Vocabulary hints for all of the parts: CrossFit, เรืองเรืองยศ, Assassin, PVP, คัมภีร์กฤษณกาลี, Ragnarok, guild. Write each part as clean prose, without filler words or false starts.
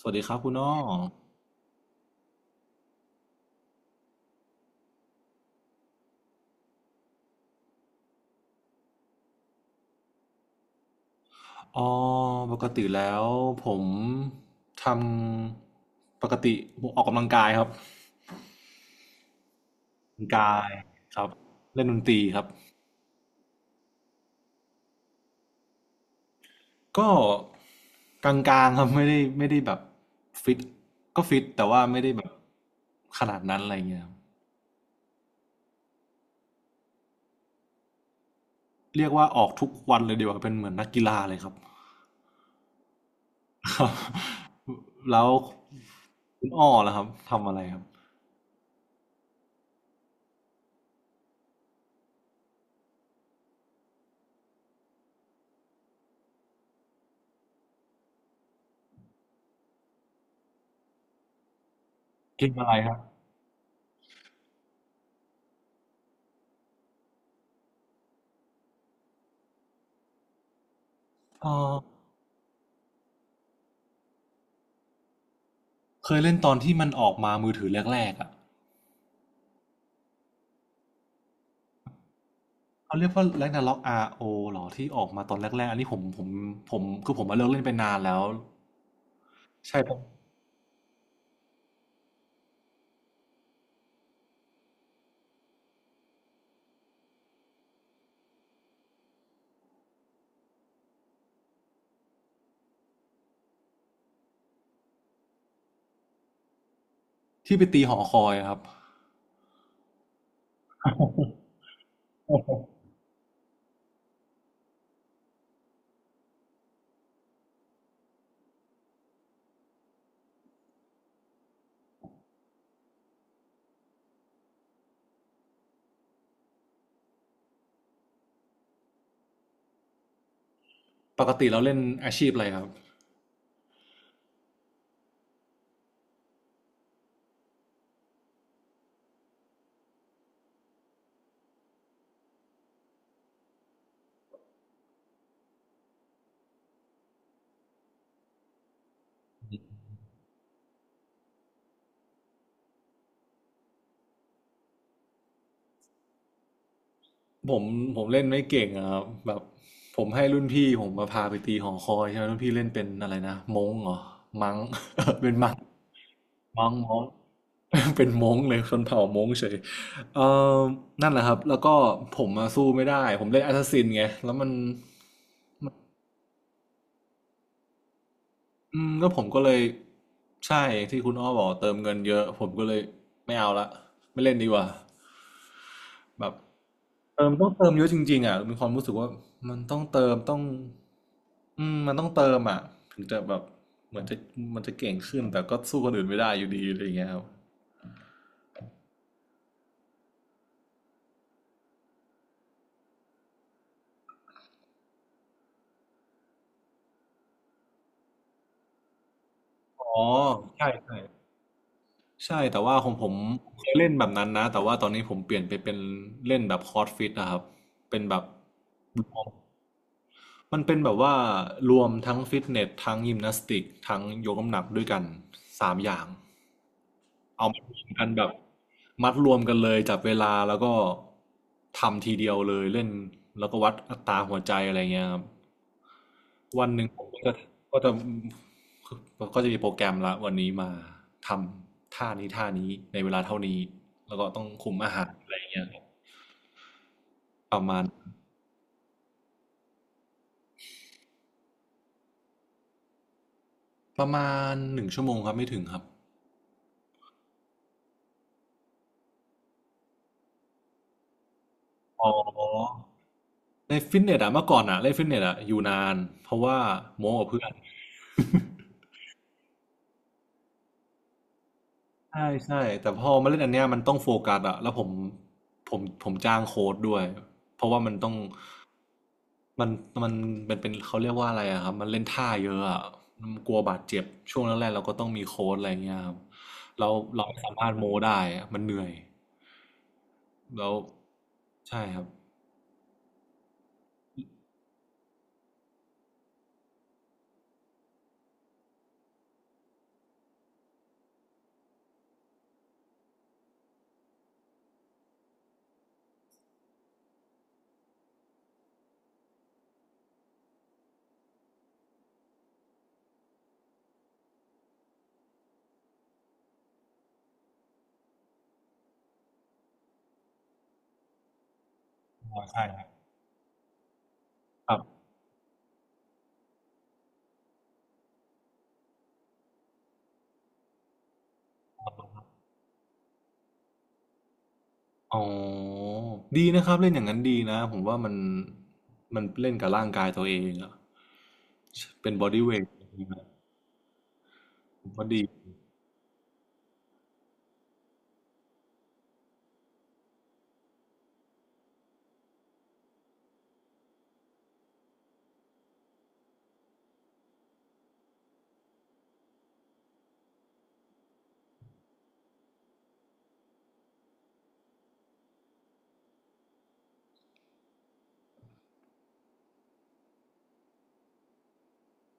สวัสดีครับคุณอ้ออ๋อปกติแล้วผมทปกติผมออกกำลังกายครับออกกำลังกายครับเล่นดนตรีครับก็กลางๆครับไม่ได้แบบฟิตก็ฟิตแต่ว่าไม่ได้แบบขนาดนั้นอะไรเงี้ยครับเรียกว่าออกทุกวันเลยดีกว่าเป็นเหมือนนักกีฬาเลยครับ ครับแล้วคุณอ้อล่ะครับทำอะไรครับเกมอะไรครับเออเคยเล่นตอนที่มันออกมามือถือแรกๆอ่ะ เขาเรียกว่าแร็กนาร็อก r อเหรอที่ออกมาตอนแรกๆอันนี้ผมผมคือผมมาเลิกเล่นไปนานแล้วใช่ครับที่ไปตีหอคอยอะครับ ปกติเราเล่นอาชีพอะไรครับผมผมเล่นไม่เก่งอะครับแบบผมให้รุ่นพี่ผมมาพาไปตีหอคอยใช่ไหมรุ่นพี่เล่นเป็นอะไรนะม้งเหรอมังมังม้ง เป็นม้งเลยคนเผ่าม้งเฉยเออนั่นแหละครับแล้วก็ผมมาสู้ไม่ได้ผมเล่นแอสซัสซินไงแล้วมัน อืมก็ผมก็เลยใช่ที่คุณอ้อบอกเติมเงินเยอะผมก็เลยไม่เอาละไม่เล่นดีกว่าแบบเติมต้องเติมเยอะจริงๆอ่ะมีความรู้สึกว่ามันต้องเติมต้องอืมมันต้องเติมอ่ะถึงจะแบบเหมือนจะมันจะเก่งขึ้นแต่ก็สู้คนอื่นไม่ได้อยู่ดีอะไรอย่างเงี้ยครับอ๋อใช่ใช่ใช่แต่ว่าของผมเคยเล่นแบบนั้นนะแต่ว่าตอนนี้ผมเปลี่ยนไปเป็นเล่นแบบคอร์สฟิตนะครับเป็นแบบ มันเป็นแบบว่ารวมทั้งฟิตเนสทั้งยิมนาสติกทั้งยกน้ำหนักด้วยกันสามอย่างเอามารวมกันแบบมัดรวมกันเลยจับเวลาแล้วก็ทำทีเดียวเลยเล่นแล้วก็วัดอัตราหัวใจอะไรเงี้ยครับวันหนึ่งผมก็จะก็จะก็จะมีโปรแกรมละวันนี้มาทท่านี้ท่านี้ในเวลาเท่านี้แล้วก็ต้องคุมอาหารอะไรเงี้ยครับประมาณประมาณหนึ่งชั่วโมงครับไม่ถึงครับอ๋อ ในฟิตเนสอะเมื่อก่อนอะเล่นฟิตเนสอะอยู่นานเพราะว่าโม้กับเพื่อน ใช่ใช่แต่พอมาเล่นอันเนี้ยมันต้องโฟกัสอะแล้วผมผมจ้างโค้ดด้วยเพราะว่ามันต้องมันมันมันเป็นเขาเรียกว่าอะไรอะครับมันเล่นท่าเยอะอะมันกลัวบาดเจ็บช่วงแรกๆเราก็ต้องมีโค้ดอะไรเงี้ยครับเราเราไม่สามารถโม้ได้อะมันเหนื่อยแล้วใช่ครับอ๋อใช่ครับครับอ๋อดีนะครับเล่นอย่างนั้นดีนะผมว่ามันมันเล่นกับร่างกายตัวเองอะ เป็นบอดี้เวทก็ดี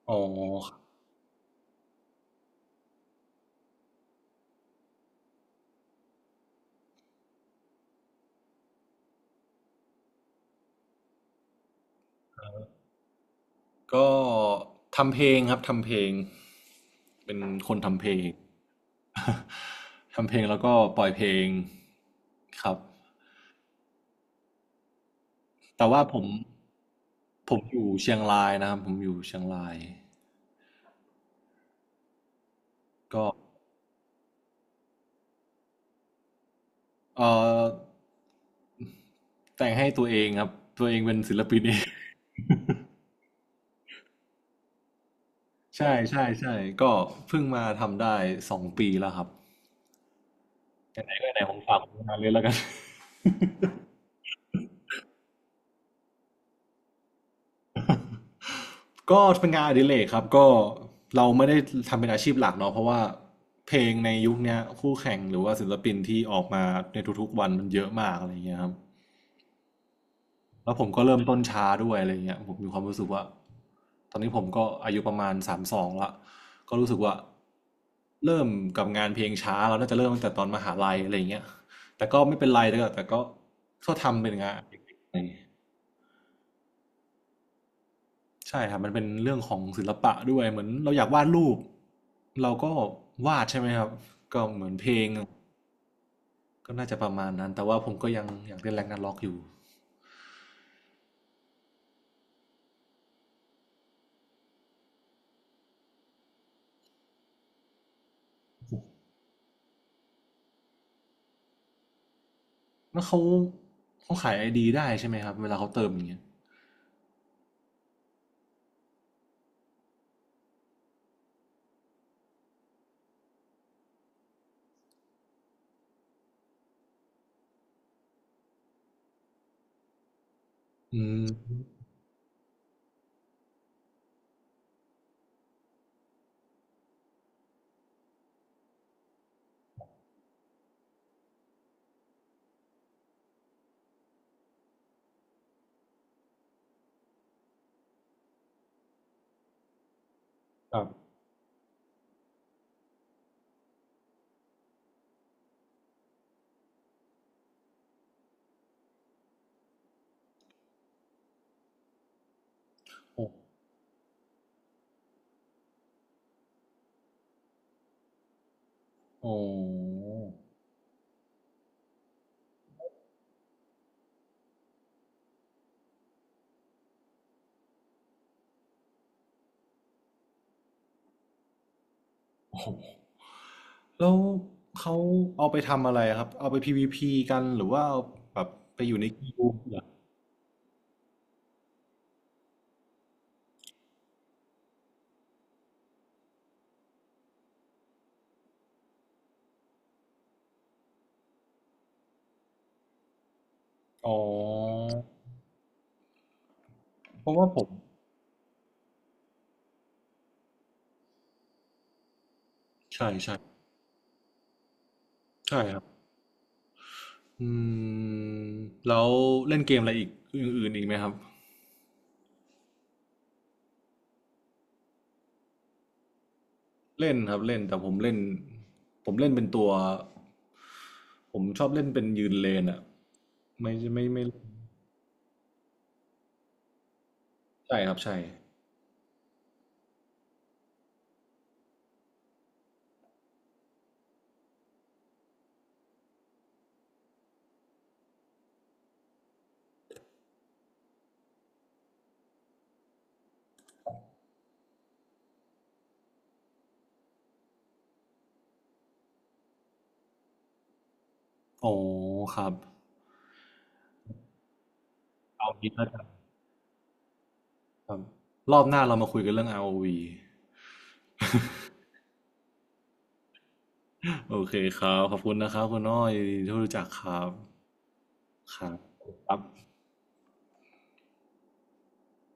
อ๋อก็ทำเพลงครับทำเพลงเป็นคนทำเพลง ทำเพลงแล้วก็ปล่อยเพลงครับแต่ว่าผมผมอยู่เชียงรายนะครับผมอยู่เชียงรายก็เอ่อแต่งให้ตัวเองครับตัวเองเป็นศิลปินเอง ใช่ใช่ใช่ก็เพิ่งมาทำได้สองปีแล้วครับไหนๆก็ไหนผมฝากผลงานเลยแล้วกัน ก็เป็นงานอดิเรกครับก็เราไม่ได้ทำเป็นอาชีพหลักเนาะเพราะว่าเพลงในยุคเนี้ยคู่แข่งหรือว่าศิลปินที่ออกมาในทุกๆวันมันเยอะมากอะไรเงี้ยครับแล้วผมก็เริ่มต้นช้าด้วยอะไรเงี้ยผมมีความรู้สึกว่าตอนนี้ผมก็อายุประมาณสามสองละก็รู้สึกว่าเริ่มกับงานเพลงช้าเราน่าจะเริ่มตั้งแต่ตอนมหาลัยอะไรเงี้ยแต่ก็ไม่เป็นไรแต่ก็ก็ทำเป็นงานอดิเรก ใช่ครับมันเป็นเรื่องของศิลปะด้วยเหมือนเราอยากวาดรูปเราก็วาดใช่ไหมครับก็เหมือนเพลงก็น่าจะประมาณนั้นแต่ว่าผมก็ยังอยากเล่นแร็กนาร็อกอยู่แล้วเขาขายไอดีได้ใช่ไหมครับเวลาเขาเติมอย่างเงี้ยอืมครับโอ้โอ้โหแล้วเขาเอาไปทำอะไรครับเอาไป PVP กันหรือว่าเอาแบบไปอยู่ในกิลด์เหรออ๋อเพราะว่าผมใช่ใช่ใช่ครับ อืมแล้วเล่นเกมอะไรอีกอื่นๆอีกไหมครับเล่นครับเล่นแต่ผมเล่นเป็นตัวผมชอบเล่นเป็นยืนเลนอ่ะไม่ไม่ไม่ใช่ครับใช่โอ้ครับเอางี้แล้วกันครับรอบหน้าเรามาคุยกันเรื่อง r วีโอเคครับขอบคุณนะครับคุณน้อยที่รู้จักครับครับครับ